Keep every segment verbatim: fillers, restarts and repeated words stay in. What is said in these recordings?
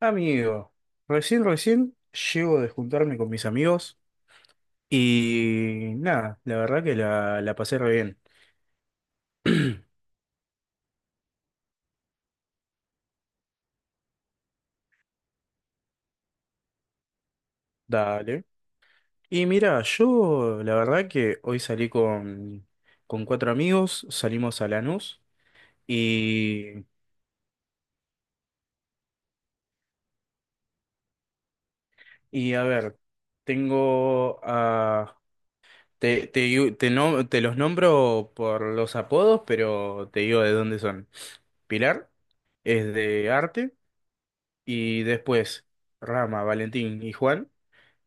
Amigo, recién, recién llego de juntarme con mis amigos y nada, la verdad que la, la pasé re bien. Dale. Y mira, yo la verdad que hoy salí con, con cuatro amigos, salimos a Lanús y, y a ver, tengo a... Te, te, digo- te, no- te los nombro por los apodos, pero te digo de dónde son. Pilar es de arte y después Rama, Valentín y Juan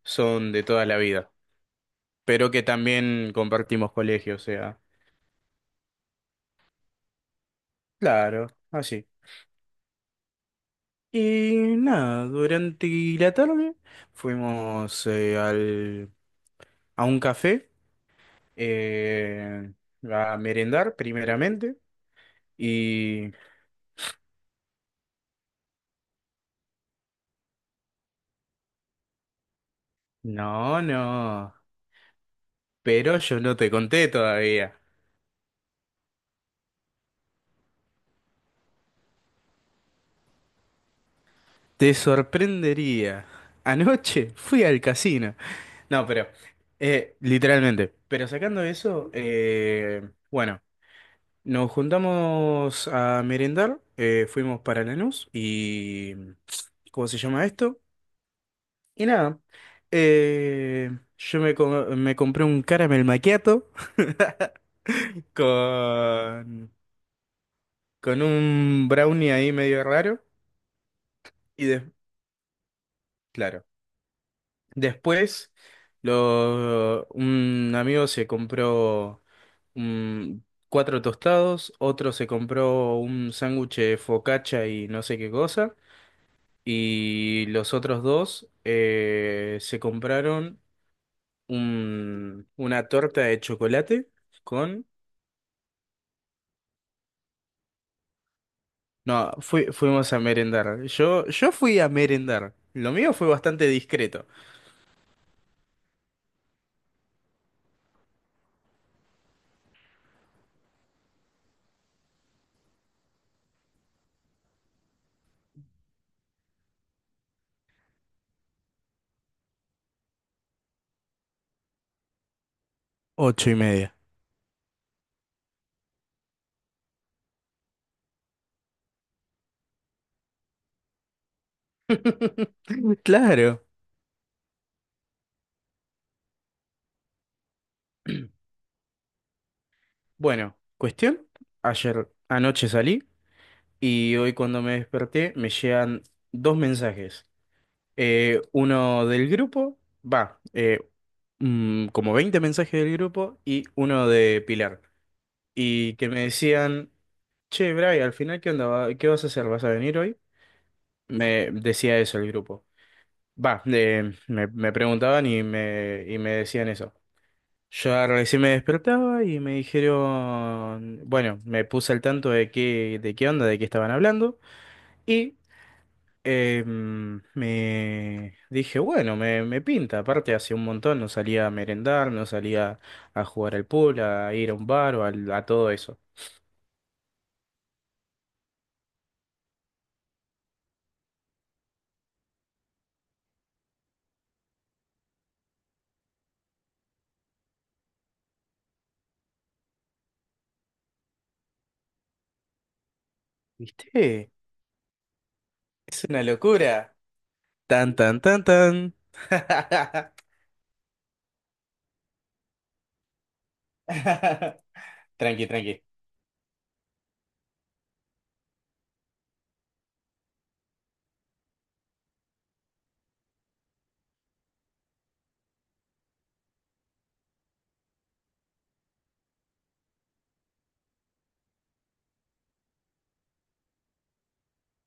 son de toda la vida, pero que también compartimos colegio, o sea, claro, así. Y nada, durante la tarde fuimos eh, al, a un café, eh, a merendar primeramente y no, no, pero yo no te conté todavía. Te sorprendería. Anoche fui al casino. No, pero eh, literalmente. Pero sacando eso, eh, bueno. Nos juntamos a merendar, eh, fuimos para Lanús y... ¿Cómo se llama esto? Y nada, eh, yo me, co- me compré un caramel macchiato con, con un brownie ahí medio raro y de- claro. Después lo- un amigo se compró mm, cuatro tostados, otro se compró un sándwich de focaccia y no sé qué cosa. Y los otros dos eh, se compraron un- una torta de chocolate con... No, fui- fuimos a merendar. Yo, yo fui a merendar. Lo mío fue bastante discreto. Ocho y media. Claro. Bueno, cuestión. Ayer anoche salí y hoy cuando me desperté me llegan dos mensajes. Eh, uno del grupo, va, eh, mm, como veinte mensajes del grupo y uno de Pilar. Y que me decían, che, Bray, al final, ¿qué onda? va- ¿Qué vas a hacer? ¿Vas a venir hoy? Me decía eso el grupo. Va, eh, me, me preguntaban y me, y me decían eso. Yo recién me despertaba y me dijeron, bueno, me puse al tanto de qué, de qué onda, de qué estaban hablando. Eh, mm, me dije, bueno, me, me pinta. Aparte, hace un montón no salía a merendar, no salía a jugar al pool, a ir a un bar o al- a, todo eso. ¿Viste? Es una locura. Tan, tan, tan, tan. Tranqui, tranqui.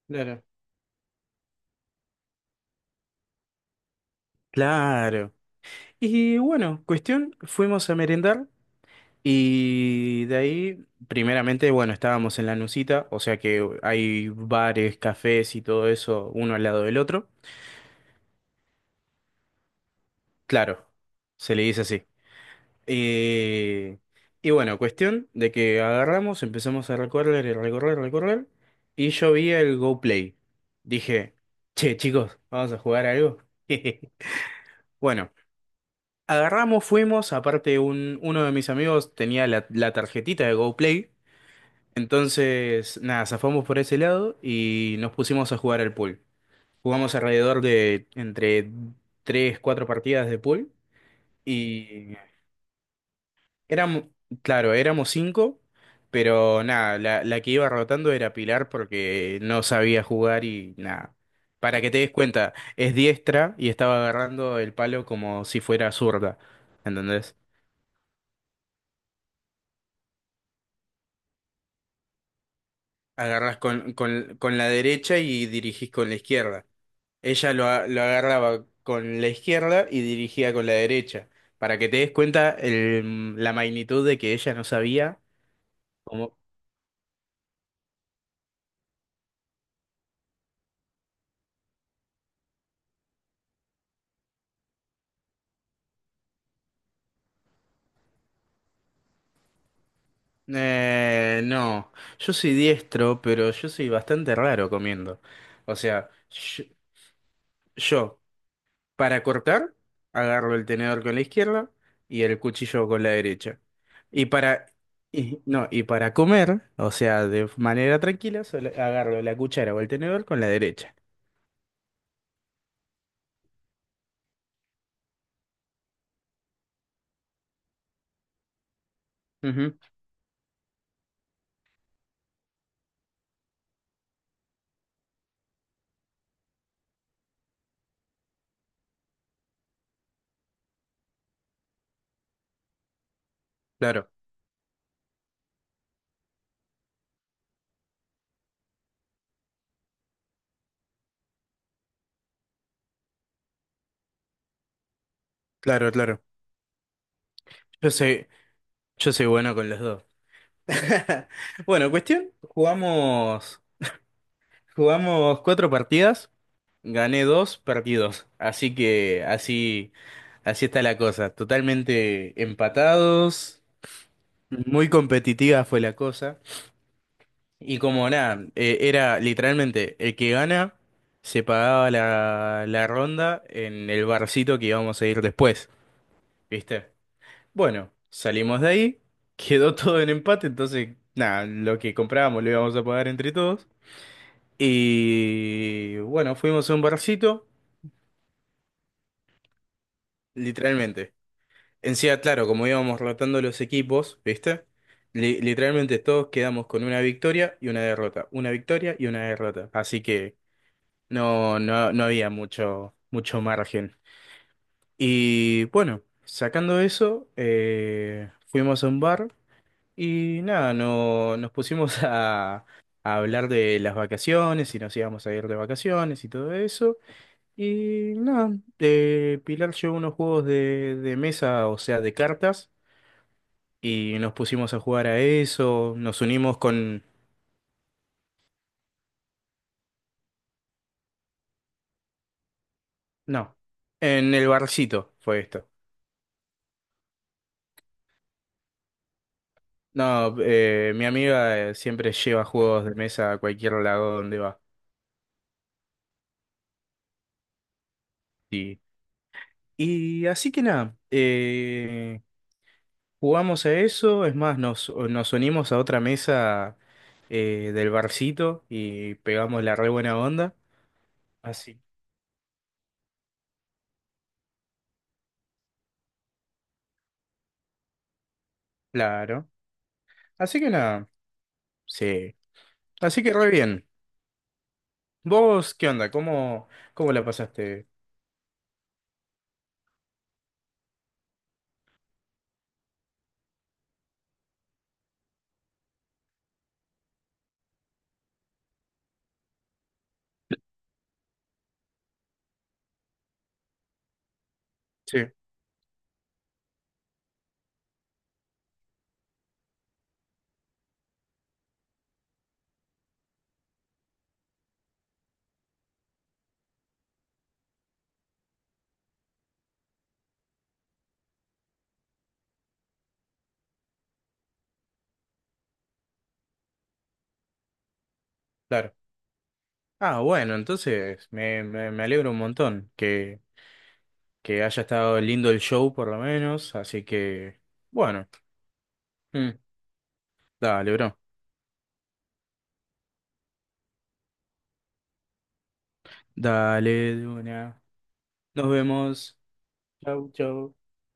Claro. Claro. Y bueno, cuestión, fuimos a merendar y de ahí, primeramente, bueno, estábamos en la Nusita, o sea que hay bares, cafés y todo eso, uno al lado del otro. Claro, se le dice así. Eh, y bueno, cuestión de que agarramos, empezamos a recorrer y recorrer, recorrer, y yo vi el Go Play. Dije, che, chicos, vamos a jugar algo. Bueno, agarramos, fuimos, aparte un, uno de mis amigos tenía la, la tarjetita de Go Play, entonces nada, zafamos por ese lado y nos pusimos a jugar al pool. Jugamos alrededor de entre tres cuatro partidas de pool. Y éramos, claro, éramos cinco, pero nada, la, la que iba rotando era Pilar porque no sabía jugar y nada. Para que te des cuenta, es diestra y estaba agarrando el palo como si fuera zurda, ¿entendés? Agarrás con, con, con la derecha y dirigís con la izquierda. Ella lo, a- lo agarraba con la izquierda y dirigía con la derecha. Para que te des cuenta el- la magnitud de que ella no sabía. Eh, no, yo soy diestro, pero yo soy bastante raro comiendo. O sea, yo, yo, para cortar, agarro el tenedor con la izquierda y el cuchillo con la derecha. Y para, y- no, y para comer, o sea, de manera tranquila, solo agarro la cuchara o el tenedor con la derecha. Ujú, claro, claro, claro. Yo soy, yo soy bueno con los dos. Bueno, cuestión, jugamos, jugamos cuatro partidas. Gané dos, perdí dos. Así que así, así está la cosa. Totalmente empatados. Muy competitiva fue la cosa. Y como nada, eh, era literalmente el que gana se pagaba la, la ronda en el barcito que íbamos a ir después. ¿Viste? Bueno, salimos de ahí. Quedó todo en empate. Entonces, nada, lo que comprábamos lo íbamos a pagar entre todos. Y bueno, fuimos a un barcito, literalmente. En sí, claro, como íbamos rotando los equipos, ¿viste? Li- literalmente todos quedamos con una victoria y una derrota, una victoria y una derrota. Así que no, no, no había mucho, mucho margen. Y bueno, sacando eso, eh, fuimos a un bar y nada, no, nos pusimos a, a hablar de las vacaciones y nos íbamos a ir de vacaciones y todo eso. Y nada, eh, Pilar llevó unos juegos de, de mesa, o sea, de cartas. Y nos pusimos a jugar a eso, nos unimos con... No, en el barcito fue esto. No, eh, mi amiga, eh, siempre lleva juegos de mesa a cualquier lado donde va. Y, y así que nada, eh, jugamos a eso, es más, nos, nos unimos a otra mesa eh, del barcito y pegamos la re buena onda. Así. Claro. Así que nada, sí. Así que re bien. ¿Vos qué onda? ¿Cómo, cómo la pasaste? Sí. Claro. Ah, bueno, entonces me, me, me alegro un montón que, que haya estado lindo el show por lo menos, así que bueno, mm, dale, bro. Dale, de una. Nos vemos. Chau, chau.